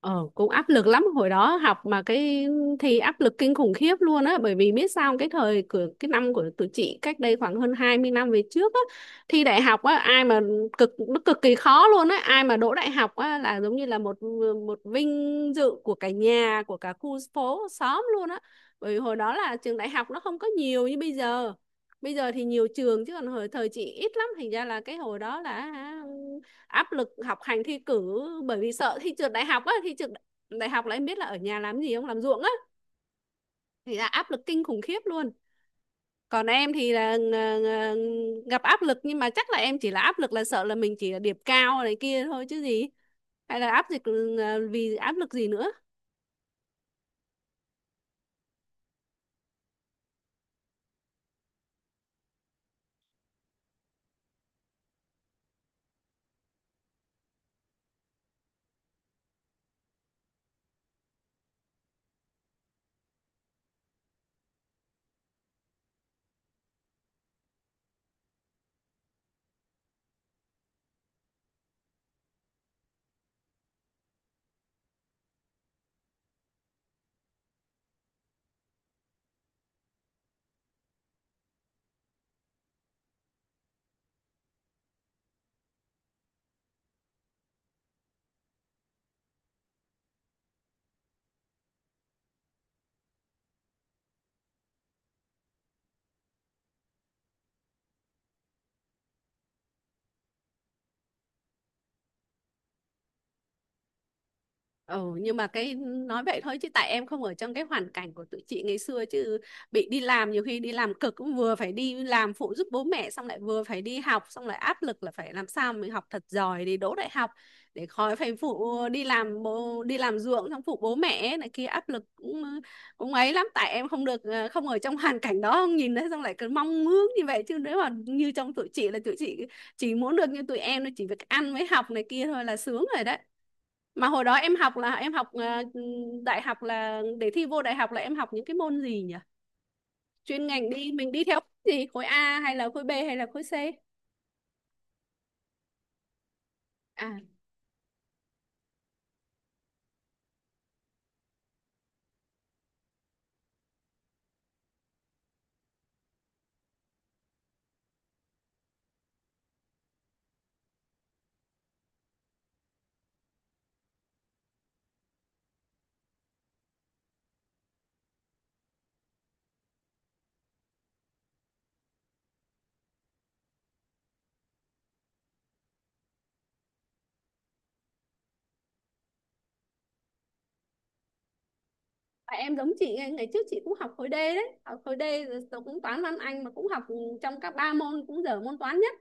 Ờ, Cũng áp lực lắm. Hồi đó học mà cái thi áp lực kinh khủng khiếp luôn á, bởi vì biết sao không? Cái thời của cái năm của tụi chị cách đây khoảng hơn 20 năm về trước á, thi đại học á, ai mà cực, nó cực kỳ khó luôn á. Ai mà đỗ đại học á là giống như là một một vinh dự của cả nhà, của cả khu phố xóm luôn á. Bởi vì hồi đó là trường đại học nó không có nhiều như bây giờ, bây giờ thì nhiều trường chứ còn hồi thời chị ít lắm, thành ra là cái hồi đó là áp lực học hành thi cử, bởi vì sợ thi trượt đại học á. Thi trượt đại học là em biết là ở nhà làm gì không, làm ruộng á, thì là áp lực kinh khủng khiếp luôn. Còn em thì là gặp áp lực, nhưng mà chắc là em chỉ là áp lực là sợ là mình chỉ là điểm cao này kia thôi chứ gì, hay là áp lực, vì áp lực gì nữa. Ừ, nhưng mà cái nói vậy thôi, chứ tại em không ở trong cái hoàn cảnh của tụi chị ngày xưa, chứ bị đi làm, nhiều khi đi làm cực, cũng vừa phải đi làm phụ giúp bố mẹ, xong lại vừa phải đi học, xong lại áp lực là phải làm sao mình học thật giỏi để đỗ đại học, để khỏi phải phụ đi làm bố, đi làm ruộng, xong phụ bố mẹ này kia, áp lực cũng cũng ấy lắm. Tại em không được, không ở trong hoàn cảnh đó, không nhìn thấy, xong lại cứ mong ước như vậy. Chứ nếu mà như trong tụi chị là tụi chị chỉ muốn được như tụi em, nó chỉ việc ăn với học này kia thôi là sướng rồi đấy. Mà hồi đó em học là em học đại học, là để thi vô đại học là em học những cái môn gì nhỉ? Chuyên ngành đi, mình đi theo gì? Khối A hay là khối B hay là khối C? À, và em giống chị, ngày trước chị cũng học khối D đấy, học khối D rồi, tôi cũng toán văn Anh mà cũng học trong các ba môn cũng dở môn toán nhất.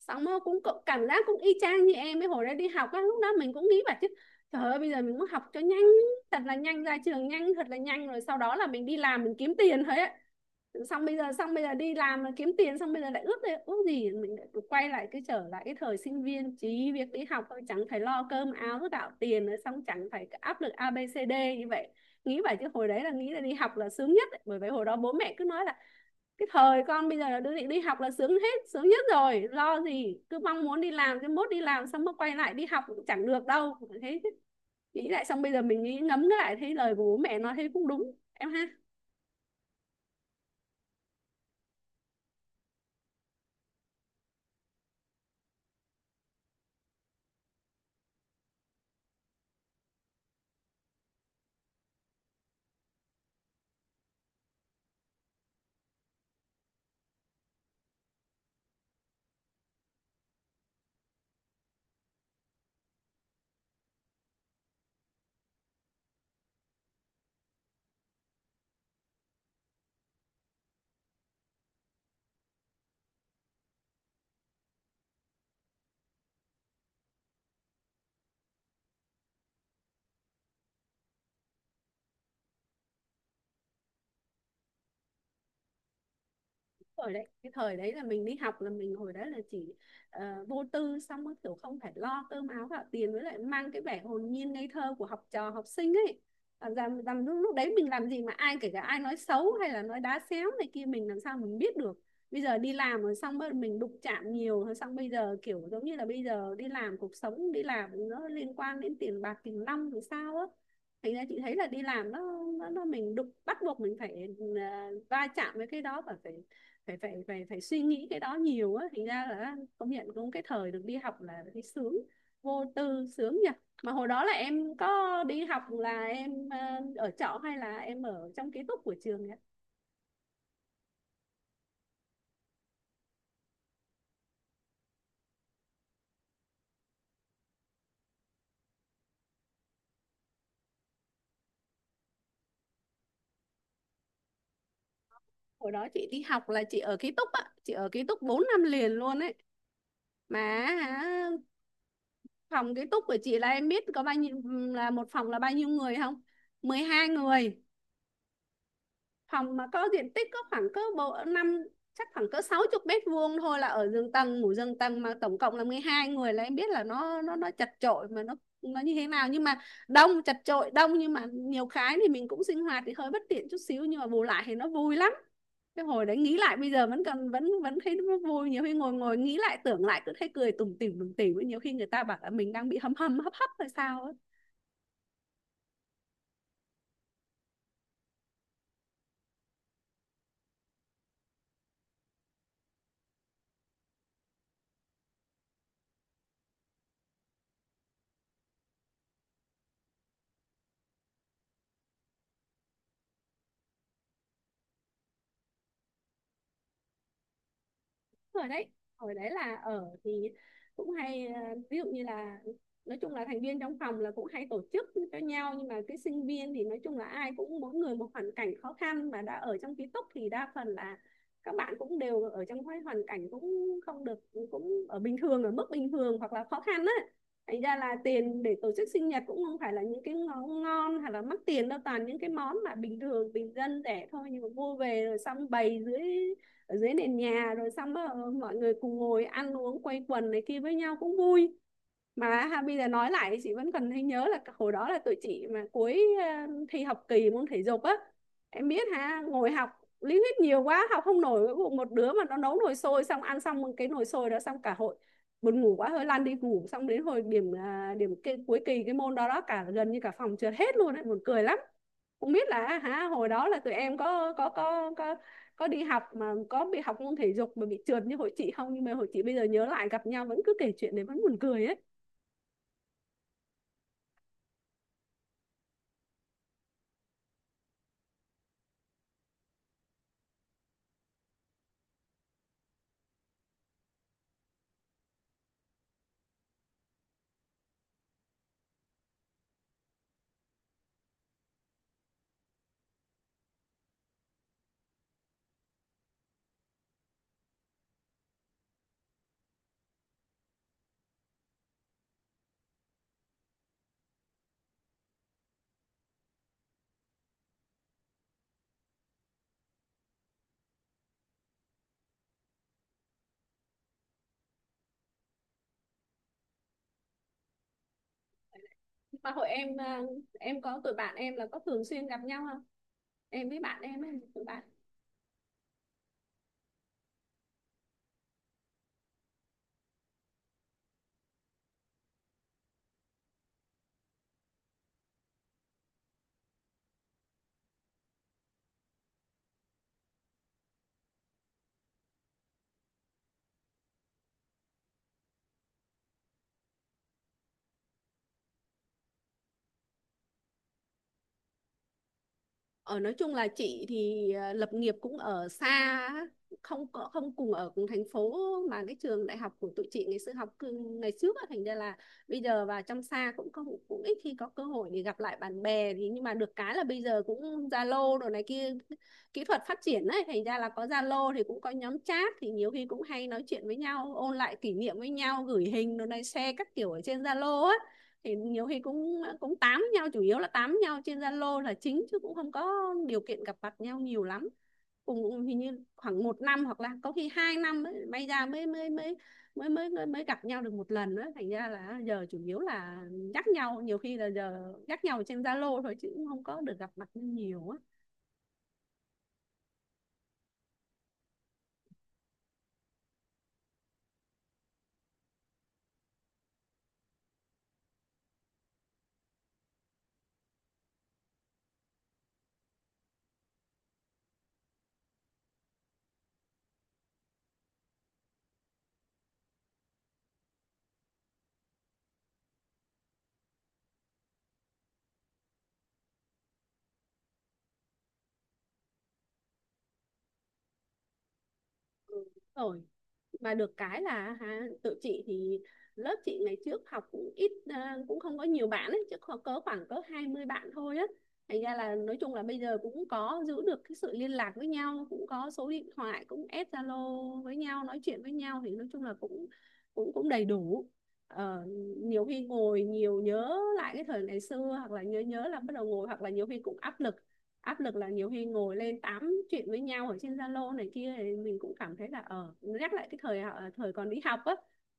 Xong rồi cũng cũng cảm giác cũng y chang như em ấy. Hồi đó đi học á, lúc đó mình cũng nghĩ bảo chứ trời ơi, bây giờ mình muốn học cho nhanh, thật là nhanh, ra trường nhanh, thật là nhanh, rồi sau đó là mình đi làm mình kiếm tiền thôi á. Xong bây giờ, xong bây giờ đi làm kiếm tiền, xong bây giờ lại ước, đây ước gì mình lại quay lại cái, trở lại cái thời sinh viên chỉ việc đi học thôi, chẳng phải lo cơm áo gạo tiền nữa, xong chẳng phải áp lực a ABCD như vậy. Nghĩ vậy chứ hồi đấy là nghĩ là đi học là sướng nhất ấy. Bởi vậy hồi đó bố mẹ cứ nói là cái thời con bây giờ là đứa định đi học là sướng hết, sướng nhất rồi, lo gì, cứ mong muốn đi làm, cái mốt đi làm xong mới quay lại đi học cũng chẳng được đâu. Thế nghĩ lại, xong bây giờ mình nghĩ ngẫm lại thấy lời của bố mẹ nói thấy cũng đúng em ha. Thời đấy, cái thời đấy là mình đi học là mình, hồi đó là chỉ vô tư, xong rồi kiểu không phải lo cơm áo gạo tiền, với lại mang cái vẻ hồn nhiên ngây thơ của học trò học sinh ấy. Lúc đấy mình làm gì mà ai, kể cả ai nói xấu hay là nói đá xéo này kia, mình làm sao mình biết được. Bây giờ đi làm rồi, xong rồi mình đụng chạm nhiều rồi, xong bây giờ kiểu giống như là bây giờ đi làm, cuộc sống đi làm nó liên quan đến tiền bạc tiền nong thì sao á. Thành ra chị thấy là đi làm nó nó mình đụng, bắt buộc mình phải va chạm với cái đó, và phải phải phải phải phải suy nghĩ cái đó nhiều á. Thành ra là công nhận cũng cái thời được đi học là thấy sướng, vô tư, sướng nhỉ. Mà hồi đó là em có đi học là em ở trọ hay là em ở trong ký túc của trường nhỉ? Hồi đó chị đi học là chị ở ký túc á, chị ở ký túc 4 năm liền luôn ấy mà. hả, Phòng ký túc của chị là em biết có bao nhiêu, là một phòng là bao nhiêu người không? 12 người. Phòng mà có diện tích có khoảng cỡ bộ năm, chắc khoảng cỡ 60 mét vuông thôi, là ở giường tầng, ngủ giường tầng, mà tổng cộng là 12 người là em biết là nó chật chội, mà nó như thế nào. Nhưng mà đông, chật chội, đông, nhưng mà nhiều cái thì mình cũng sinh hoạt thì hơi bất tiện chút xíu, nhưng mà bù lại thì nó vui lắm. Cái hồi đấy nghĩ lại bây giờ vẫn còn, vẫn vẫn thấy nó vui. Nhiều khi ngồi, nghĩ lại, tưởng lại cứ thấy cười tủm tỉm tủm tỉm, nhiều khi người ta bảo là mình đang bị hâm hâm hấp hấp hay sao ấy. Ở đấy, ở đấy là ở thì cũng hay ví dụ như là, nói chung là thành viên trong phòng là cũng hay tổ chức cho nhau. Nhưng mà cái sinh viên thì nói chung là ai cũng mỗi người một hoàn cảnh khó khăn, mà đã ở trong ký túc thì đa phần là các bạn cũng đều ở trong cái hoàn cảnh cũng không được, cũng ở bình thường, ở mức bình thường hoặc là khó khăn á. Thành ra là tiền để tổ chức sinh nhật cũng không phải là những cái món ngon hay là mắc tiền đâu, toàn những cái món mà bình thường, bình dân, rẻ thôi. Nhưng mà mua về rồi xong bày dưới, ở dưới nền nhà, rồi xong mọi người cùng ngồi ăn uống quây quần này kia với nhau cũng vui mà ha. Bây giờ nói lại thì chị vẫn còn thấy nhớ là hồi đó là tụi chị mà cuối thi học kỳ môn thể dục á, em biết ha, ngồi học lý thuyết nhiều quá học không nổi. Cuối cùng một đứa mà nó nấu nồi xôi, xong ăn xong cái nồi xôi đó, xong cả hội buồn ngủ quá, hơi lăn đi ngủ, xong đến hồi điểm, điểm cái cuối kỳ cái môn đó đó, cả gần như cả phòng trượt hết luôn ấy, buồn cười lắm. Không biết là hả, hồi đó là tụi em có đi học mà có bị học môn thể dục mà bị trượt như hội chị không, nhưng mà hội chị bây giờ nhớ lại gặp nhau vẫn cứ kể chuyện đấy vẫn buồn cười ấy. Mà hội em à, em có tụi bạn em là có thường xuyên gặp nhau không? Em với bạn em ấy, tụi bạn. Ở nói chung là chị thì lập nghiệp cũng ở xa á, không có không cùng ở cùng thành phố, mà cái trường đại học của tụi chị ngày xưa học ngày trước á, thành ra là bây giờ vào trong xa cũng không, cũng ít khi có cơ hội để gặp lại bạn bè. Thì nhưng mà được cái là bây giờ cũng Zalo đồ này kia, kỹ thuật phát triển ấy, thành ra là có Zalo thì cũng có nhóm chat, thì nhiều khi cũng hay nói chuyện với nhau, ôn lại kỷ niệm với nhau, gửi hình đồ này share các kiểu ở trên Zalo ấy. Thì nhiều khi cũng cũng tám nhau, chủ yếu là tám nhau trên Zalo là chính, chứ cũng không có điều kiện gặp mặt nhau nhiều lắm. Cùng hình như khoảng 1 năm hoặc là có khi 2 năm ấy, may ra mới mới gặp nhau được một lần đó. Thành ra là giờ chủ yếu là nhắc nhau, nhiều khi là giờ nhắc nhau trên Zalo thôi, chứ cũng không có được gặp mặt nhiều á. Rồi mà được cái là ha, tụi chị thì lớp chị ngày trước học cũng ít à, cũng không có nhiều bạn ấy, chứ có cỡ khoảng cỡ 20 bạn thôi á. Thành ra là nói chung là bây giờ cũng có giữ được cái sự liên lạc với nhau, cũng có số điện thoại, cũng add Zalo với nhau nói chuyện với nhau, thì nói chung là cũng cũng cũng đầy đủ. Ờ, nhiều khi ngồi nhiều nhớ lại cái thời ngày xưa, hoặc là nhớ nhớ là bắt đầu ngồi, hoặc là nhiều khi cũng áp lực, áp lực là nhiều khi ngồi lên tám chuyện với nhau ở trên Zalo này kia, thì mình cũng cảm thấy là ở nhắc lại cái thời thời còn đi học á,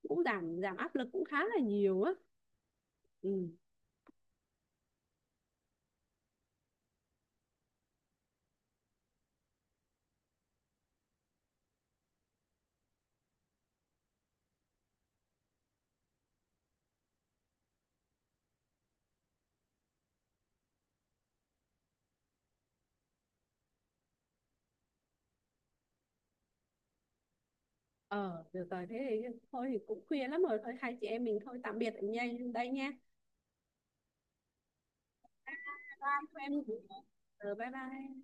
cũng giảm giảm áp lực cũng khá là nhiều á ừ. Ờ được rồi, thế thì thôi thì cũng khuya lắm rồi, thôi hai chị em mình thôi tạm biệt, ở nhà đây nha, bye bye tụi em. Ờ, bye bye.